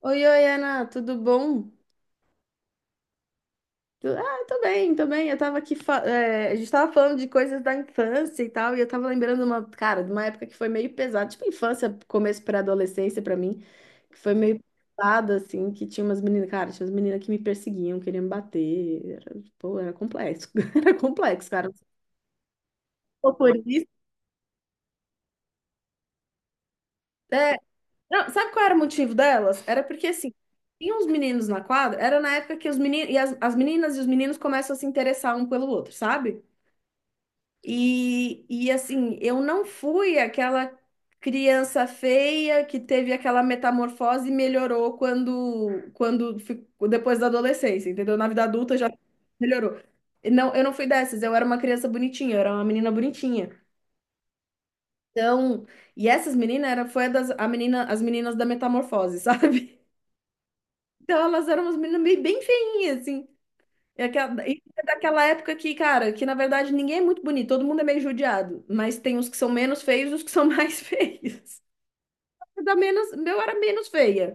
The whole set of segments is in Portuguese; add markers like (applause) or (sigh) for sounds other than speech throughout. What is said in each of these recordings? Oi, oi, Ana, tudo bom? Ah, tô bem, tô bem. Eu tava aqui, a gente tava falando de coisas da infância e tal, e eu tava lembrando cara, de uma época que foi meio pesada, tipo infância, começo para adolescência pra mim, que foi meio pesada, assim, que tinha umas meninas, cara, tinha umas meninas que me perseguiam, queriam me bater, pô, era complexo, (laughs) era complexo, cara. Pô, é, não, sabe qual era o motivo delas? Era porque, assim, tinha uns meninos na quadra, era na época que os meninos, e as meninas e os meninos começam a se interessar um pelo outro, sabe? E assim, eu não fui aquela criança feia que teve aquela metamorfose e melhorou quando, quando ficou- depois da adolescência, entendeu? Na vida adulta já melhorou. Não, eu não fui dessas, eu era uma criança bonitinha, eu era uma menina bonitinha. Então, e essas meninas era foi a das a menina, as meninas da metamorfose, sabe? (laughs) Então elas eram umas meninas meio bem feinhas, assim. É que- É daquela época que, cara, que na verdade ninguém é muito bonito, todo mundo é meio judiado, mas tem os que são menos feios e os que são mais (laughs) feios. Eu era menos feia.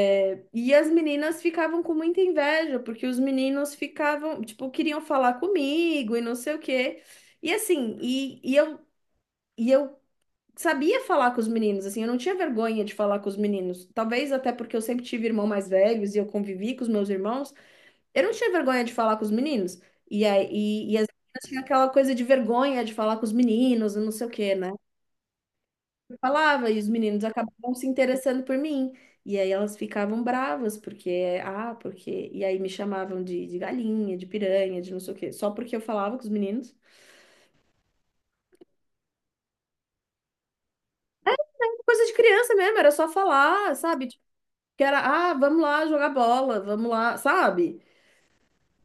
E as meninas ficavam com muita inveja, porque os meninos ficavam, tipo, queriam falar comigo e não sei o quê. E assim, e eu sabia falar com os meninos, assim, eu não tinha vergonha de falar com os meninos. Talvez até porque eu sempre tive irmãos mais velhos e eu convivi com os meus irmãos. Eu não tinha vergonha de falar com os meninos. E aí, as meninas tinham aquela coisa de vergonha de falar com os meninos, e não sei o quê, né? Eu falava, e os meninos acabavam se interessando por mim. E aí elas ficavam bravas, porque, ah, porque. E aí me chamavam de galinha, de piranha, de não sei o quê, só porque eu falava com os meninos. Coisa de criança mesmo, era só falar, sabe? Tipo, Que era, vamos lá jogar bola, vamos lá, sabe?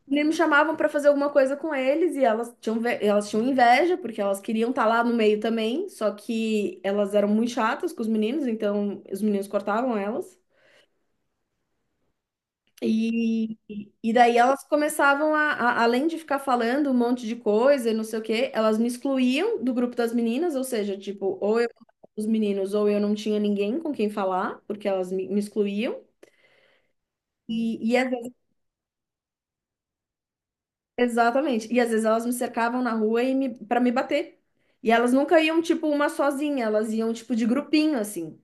E me chamavam para fazer alguma coisa com eles e elas tinham, elas tinham inveja, porque elas queriam estar lá no meio também, só que elas eram muito chatas com os meninos, então os meninos cortavam elas. E, e daí elas começavam além de ficar falando um monte de coisa e não sei o quê, elas me excluíam do grupo das meninas, ou seja, tipo, ou eu os meninos ou eu não tinha ninguém com quem falar, porque elas me excluíam. E às Exatamente. E às vezes elas me cercavam na rua e me, para me bater. E elas nunca iam, tipo, uma sozinha, elas iam, tipo, de grupinho, assim.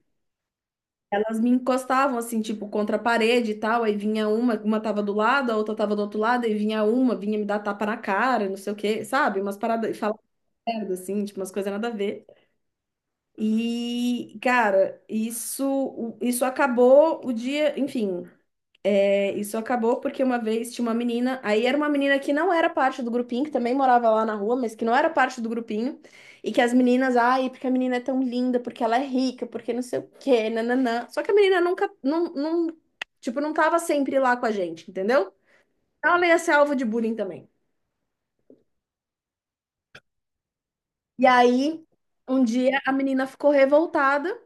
Elas me encostavam, assim, tipo, contra a parede e tal. Aí vinha uma tava do lado, a outra tava do outro lado, aí vinha uma, vinha me dar tapa na cara, não sei o quê, sabe? Umas paradas, e falava merda, assim, tipo, umas coisas nada a ver. E, cara, isso acabou o dia, enfim. Isso acabou porque uma vez tinha uma menina, aí era uma menina que não era parte do grupinho, que também morava lá na rua, mas que não era parte do grupinho, e que as meninas, ai, porque a menina é tão linda, porque ela é rica, porque não sei o quê, nananã. Só que a menina nunca, não, não, tipo, não tava sempre lá com a gente, entendeu? Então ela ia ser alvo de bullying também. E aí, um dia a menina ficou revoltada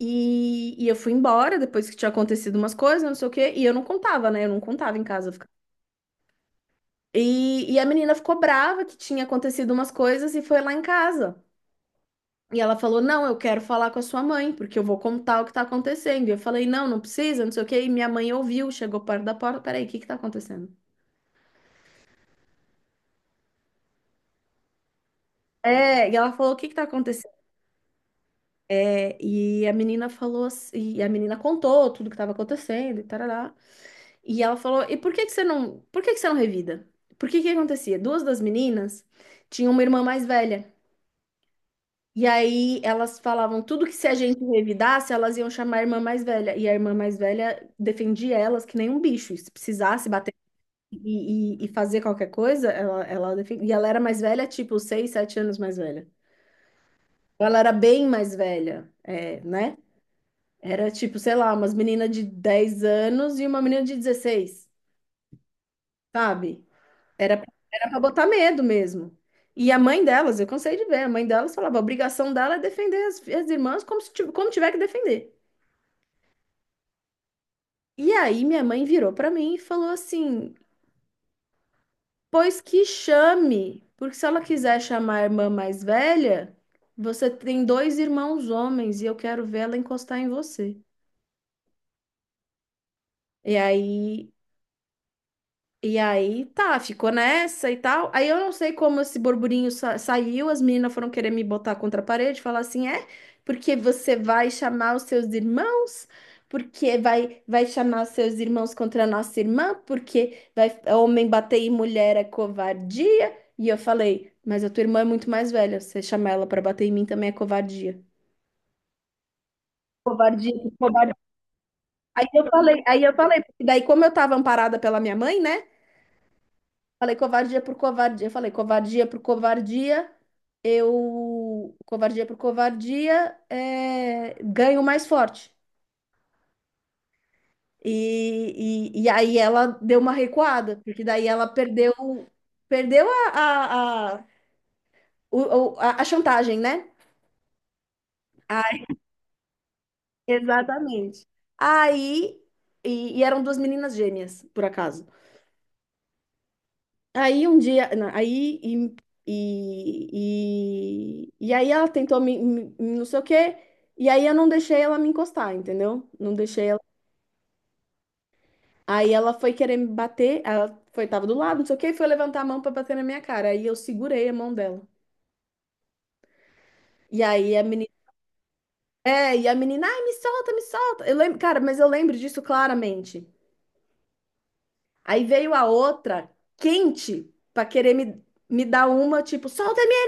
e eu fui embora depois que tinha acontecido umas coisas, não sei o quê, e eu não contava, né? Eu não contava em casa. E a menina ficou brava que tinha acontecido umas coisas e foi lá em casa. E ela falou: "Não, eu quero falar com a sua mãe, porque eu vou contar o que tá acontecendo." E eu falei: "Não, não precisa, não sei o quê." E minha mãe ouviu, chegou perto da porta: "Peraí, o que que tá acontecendo?" É, e ela falou: "O que que tá acontecendo?" É, e a menina falou: "assim-" E a menina contou tudo que tava acontecendo e tarará. E ela falou: "E por que que você não, por que que você não revida?" Por que que acontecia? Duas das meninas tinham uma irmã mais velha. E aí elas falavam tudo que se a gente revidasse, elas iam chamar a irmã mais velha. E a irmã mais velha defendia elas que nem um bicho. E se precisasse bater e fazer qualquer coisa, ela defendia. E ela era mais velha, tipo, 6, 7 anos mais velha. Então, ela era bem mais velha, é, né? Era tipo, sei lá, umas meninas de 10 anos e uma menina de 16, sabe? Era, era pra botar medo mesmo. E a mãe delas, eu cansei de ver, a mãe delas falava, a obrigação dela é defender as irmãs como se, como tiver que defender. E aí minha mãe virou para mim e falou assim: "Pois que chame, porque se ela quiser chamar a irmã mais velha, você tem dois irmãos homens e eu quero ver ela encostar em você." E aí E aí, tá, ficou nessa e tal. Aí eu não sei como esse burburinho saiu, as meninas foram querer me botar contra a parede, falar assim, é, porque você vai chamar os seus irmãos, porque vai chamar os seus irmãos contra a nossa irmã, porque vai, homem bater em mulher é covardia. E eu falei, mas a tua irmã é muito mais velha, você chamar ela pra bater em mim também é covardia. Covardia, covardia. Aí eu falei, porque daí como eu tava amparada pela minha mãe, né? Falei covardia por covardia. Falei covardia por covardia. Eu, covardia por covardia, é, ganho mais forte. E aí ela deu uma recuada, porque daí ela perdeu, perdeu a, o- a chantagem, né? Exatamente. Aí, e eram duas meninas gêmeas, por acaso. Aí um dia, na- aí e aí ela tentou me não sei o quê, e aí eu não deixei ela me encostar, entendeu? Não deixei ela. Aí ela foi querer me bater, ela foi, tava do lado, não sei o quê, e foi levantar a mão pra bater na minha cara. Aí eu segurei a mão dela. E aí a menina, e a menina, ai, me solta, me solta. Eu lembro, cara, mas eu lembro disso claramente. Aí veio a outra, quente, pra querer me dar uma, tipo, solta a minha.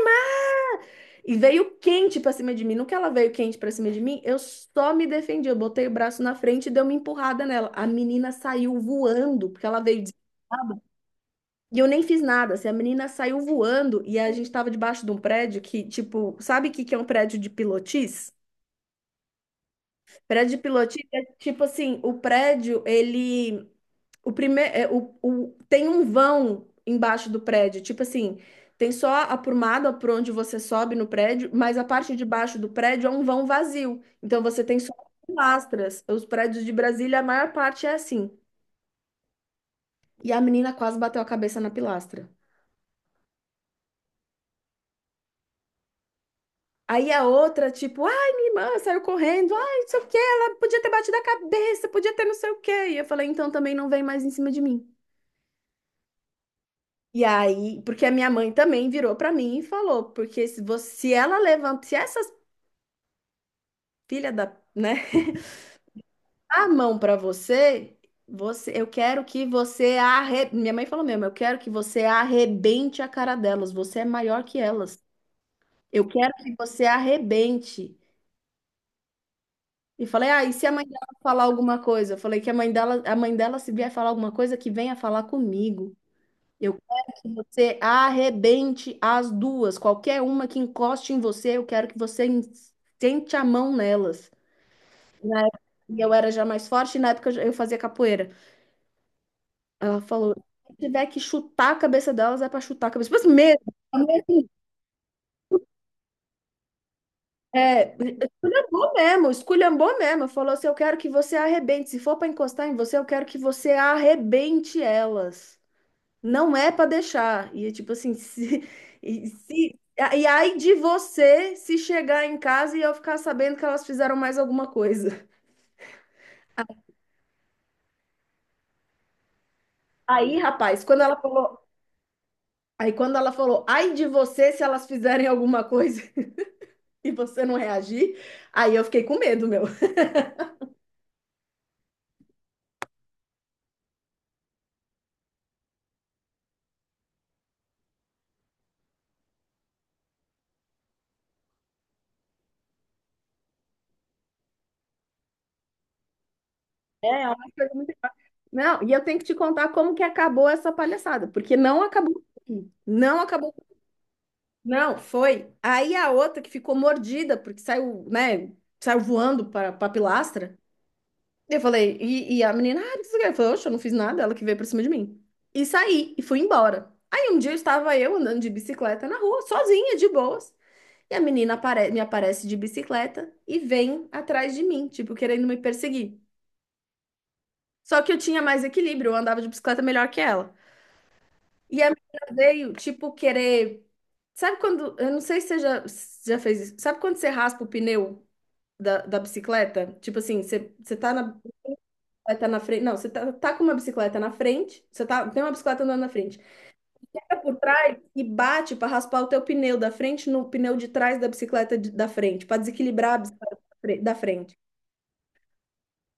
E veio quente pra cima de mim. No que ela veio quente pra cima de mim, eu só me defendi. Eu botei o braço na frente e dei uma empurrada nela. A menina saiu voando, porque ela veio desesperada. E eu nem fiz nada. Assim, a menina saiu voando e a gente tava debaixo de um prédio que, tipo, sabe o que que é um prédio de pilotis? Prédio de pilotis é tipo assim, o prédio, ele o primeiro, o- tem um vão embaixo do prédio, tipo assim, tem só a prumada por onde você sobe no prédio, mas a parte de baixo do prédio é um vão vazio. Então você tem só pilastras. Os prédios de Brasília, a maior parte é assim. E a menina quase bateu a cabeça na pilastra. Aí a outra, tipo, ai, minha irmã saiu correndo, ai, não sei o quê, ela podia ter batido a cabeça, podia ter não sei o quê. E eu falei, então também não vem mais em cima de mim. E aí, porque a minha mãe também virou pra mim e falou, porque se você, se ela levanta, se essa filha da, né, (laughs) a mão pra você, você, eu quero que você arre... Minha mãe falou mesmo, eu quero que você arrebente a cara delas, você é maior que elas. Eu quero que você arrebente. E falei, ah, e se a mãe dela falar alguma coisa? Eu falei que a mãe dela se vier falar alguma coisa, que venha falar comigo. Eu quero que você arrebente as duas. Qualquer uma que encoste em você, eu quero que você sente a mão nelas. E eu era já mais forte, e na época eu eu fazia capoeira. Ela falou: se tiver que chutar a cabeça delas, é pra chutar a cabeça. Mas mesmo, é, esculhambou mesmo, esculhambou mesmo. Falou assim: eu quero que você arrebente. Se for pra encostar em você, eu quero que você arrebente elas. Não é para deixar. E é tipo assim, se, (laughs) e, se, e aí de você se chegar em casa e eu ficar sabendo que elas fizeram mais alguma coisa. Aí, rapaz, aí quando ela falou, ai de você se elas fizerem alguma coisa (laughs) e você não reagir, aí eu fiquei com medo, meu. É uma coisa muito- Não, e eu tenho que te contar como que acabou essa palhaçada, porque não acabou aqui. Não acabou. Não, foi. Aí a outra que ficou mordida, porque saiu, né, saiu voando para a pilastra. Eu falei, e a menina, ah, o que você quer? Eu falei, oxe, eu não fiz nada, ela que veio por cima de mim. E saí, e fui embora. Aí um dia eu estava eu andando de bicicleta na rua, sozinha, de boas. E a me aparece de bicicleta e vem atrás de mim, tipo, querendo me perseguir. Só que eu tinha mais equilíbrio, eu andava de bicicleta melhor que ela. E a menina veio, tipo, querer. Sabe quando. Eu não sei se se já fez isso. Sabe quando você raspa o pneu da bicicleta? Tipo assim, você tá bicicleta na frente. Não, tá com uma bicicleta na frente, tem uma bicicleta andando na frente. Pega por trás e bate para raspar o teu pneu da frente no pneu de trás da da frente, para desequilibrar a da frente.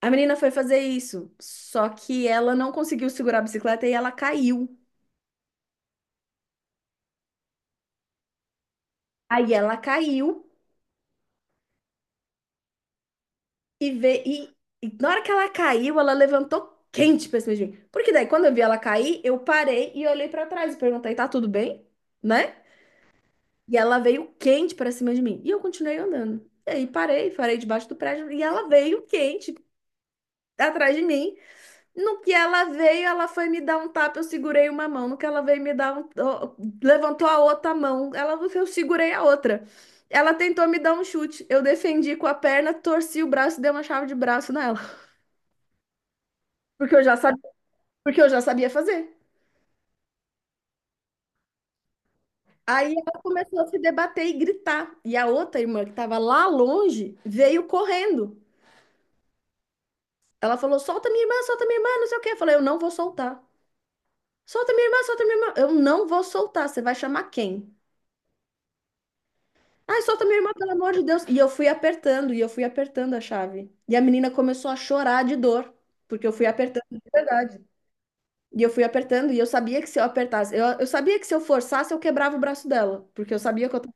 A menina foi fazer isso, só que ela não conseguiu segurar a bicicleta e ela caiu. Aí ela caiu e veio. E na hora que ela caiu, ela levantou quente pra cima de mim. Porque daí, quando eu vi ela cair, eu parei e olhei para trás e perguntei: tá tudo bem? Né? E ela veio quente para cima de mim. E eu continuei andando. E aí parei debaixo do prédio e ela veio quente atrás de mim. No que ela veio, ela foi me dar um tapa, eu segurei uma mão. No que ela veio me dar um, ó, levantou a outra mão, ela eu segurei a outra. Ela tentou me dar um chute. Eu defendi com a perna, torci o braço e dei uma chave de braço nela, porque eu já sabia, porque eu já sabia fazer. Aí ela começou a se debater e gritar. E a outra irmã, que estava lá longe, veio correndo. Ela falou: solta minha irmã, não sei o quê. Eu falei: eu não vou soltar. Solta minha irmã, solta minha irmã. Eu não vou soltar. Você vai chamar quem? Ai, solta minha irmã, pelo amor de Deus. E eu fui apertando, e eu fui apertando a chave. E a menina começou a chorar de dor, porque eu fui apertando de verdade. E eu fui apertando, e eu sabia que se eu apertasse, eu sabia que se eu forçasse, eu quebrava o braço dela, porque eu sabia que eu estava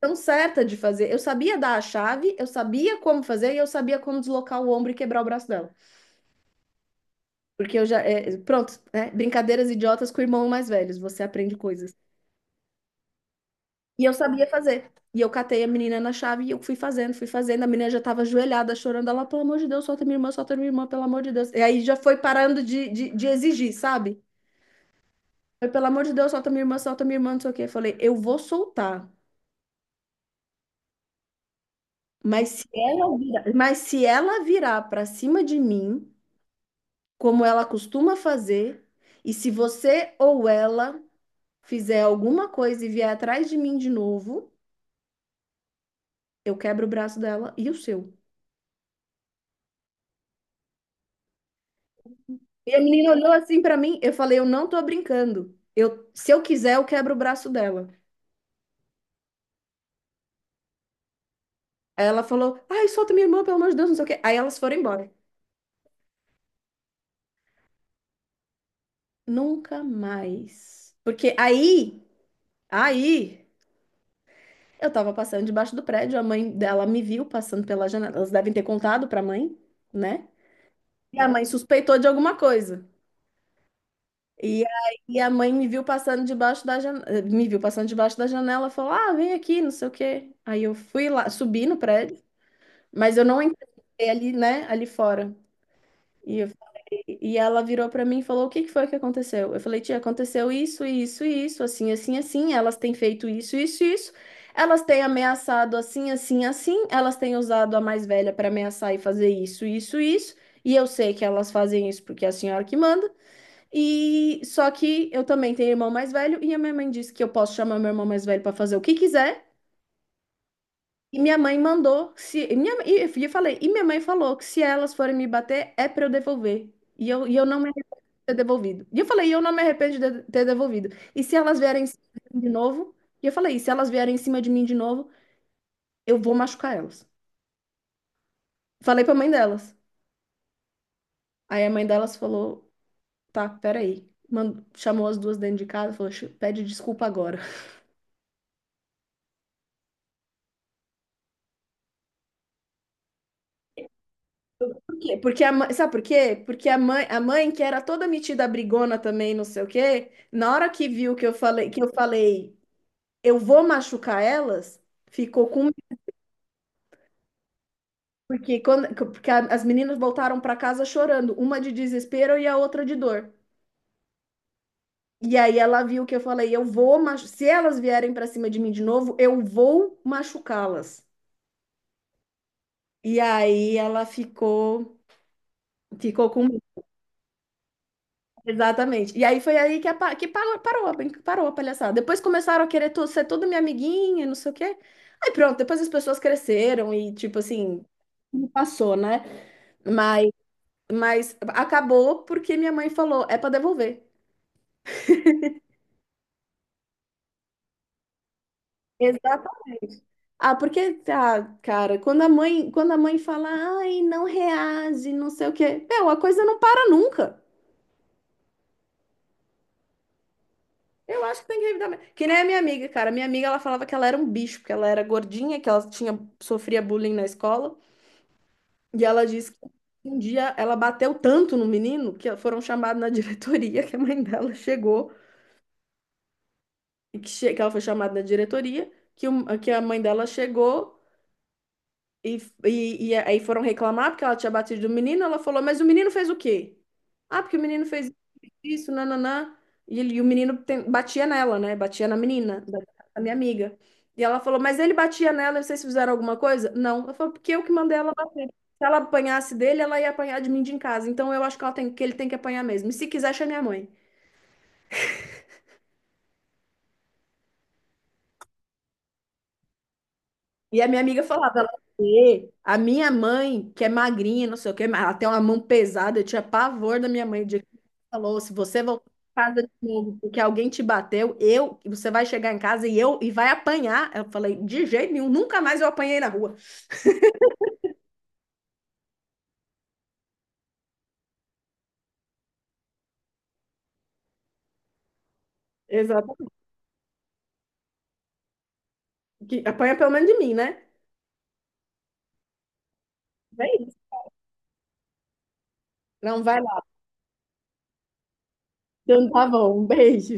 tão certa de fazer. Eu sabia dar a chave, eu sabia como fazer, e eu sabia como deslocar o ombro e quebrar o braço dela. Porque eu já. É, pronto, né? Brincadeiras idiotas com o irmão mais velhos, você aprende coisas. E eu sabia fazer. E eu catei a menina na chave e eu fui fazendo, fui fazendo. A menina já tava ajoelhada, chorando. Ela, pelo amor de Deus, solta minha irmã, pelo amor de Deus. E aí já foi parando de exigir, sabe? Foi, pelo amor de Deus, solta minha irmã, não sei o quê. Eu falei, eu vou soltar. Mas se ela virar pra cima de mim, como ela costuma fazer, e se você ou ela fizer alguma coisa e vier atrás de mim de novo, eu quebro o braço dela e o seu. E a menina olhou assim pra mim, eu falei, eu não tô brincando. Eu, se eu quiser, eu quebro o braço dela. Aí ela falou, ai, solta minha irmã, pelo amor de Deus, não sei o quê. Aí elas foram embora. Nunca mais. Porque aí, eu tava passando debaixo do prédio, a mãe dela me viu passando pela janela. Elas devem ter contado pra mãe, né? E a mãe suspeitou de alguma coisa. E aí a mãe me viu passando debaixo da janela, me viu passando debaixo da janela, falou: "Ah, vem aqui, não sei o quê". Aí eu fui lá, subi no prédio, mas eu não entrei ali, né, ali fora. E, e ela virou pra mim e falou: "O que que foi que aconteceu?". Eu falei: "Tia, aconteceu isso, isso, isso, assim, assim, assim, elas têm feito isso, isso, isso. Elas têm ameaçado assim, assim, assim, elas têm usado a mais velha para ameaçar e fazer isso, isso, isso, e eu sei que elas fazem isso porque é a senhora que manda. E só que eu também tenho irmão mais velho e a minha mãe disse que eu posso chamar meu irmão mais velho para fazer o que quiser. E minha mãe mandou, se e minha e eu falei, e minha mãe falou que se elas forem me bater é para eu devolver. E eu não me arrependo de ter devolvido. E eu falei, e eu não me arrependo de ter devolvido. E se elas vierem em cima de mim de novo, e eu falei, e se elas vierem em cima de mim de novo, eu vou machucar elas. Falei para a mãe delas. Aí a mãe delas falou, tá, peraí. Mandou, chamou as duas dentro de casa, falou, pede desculpa agora. Quê? Porque a mãe, sabe por quê? Porque a mãe que era toda metida brigona também, não sei o quê, na hora que viu que eu falei, eu vou machucar elas, ficou com medo, porque quando porque a- as meninas voltaram para casa chorando, uma de desespero e a outra de dor. E aí ela viu que eu falei, se elas vierem para cima de mim de novo, eu vou machucá-las. E aí ficou com Exatamente. E aí foi aí que parou a palhaçada. Depois começaram a ser toda minha amiguinha, não sei o quê. Aí pronto, depois as pessoas cresceram e, tipo assim, passou, né? Mas, mas acabou porque minha mãe falou, é para devolver. Exatamente. Ah, cara, quando a mãe fala, ai, não reage, não sei o quê, meu, a coisa não para nunca. Eu acho que tem que revidar mesmo. Que nem a minha amiga, cara. Minha amiga, ela falava que ela era um bicho, porque ela era gordinha, sofria bullying na escola. E ela disse que um dia ela bateu tanto no menino que foram chamados na (laughs) diretoria, que a mãe dela chegou, e que ela foi chamada na diretoria, que a mãe dela chegou. E, e aí foram reclamar porque ela tinha batido o menino. Ela falou, mas o menino fez o quê? Ah, porque o menino fez isso, nananã. E, e o batia nela, né? Batia na menina, da minha amiga. E ela falou, mas ele batia nela, vocês fizeram alguma coisa? Não. Ela falou, porque eu que mandei ela bater. Se ela apanhasse dele, ela ia apanhar de mim de em casa. Então eu acho que ele tem que apanhar mesmo. E se quiser, chama minha mãe. E a minha amiga falava, ela, "Ê, a minha mãe, que é magrinha, não sei o quê, mas ela tem uma mão pesada, eu tinha pavor da minha mãe, o dia que ela falou, se você voltar pra casa de novo porque alguém te bateu, você vai chegar em casa e vai apanhar. Eu falei, de jeito nenhum, nunca mais eu apanhei na rua. Exatamente. Que apanha pelo menos de mim, né? É isso. Não, vai lá. Então tá bom, um beijo.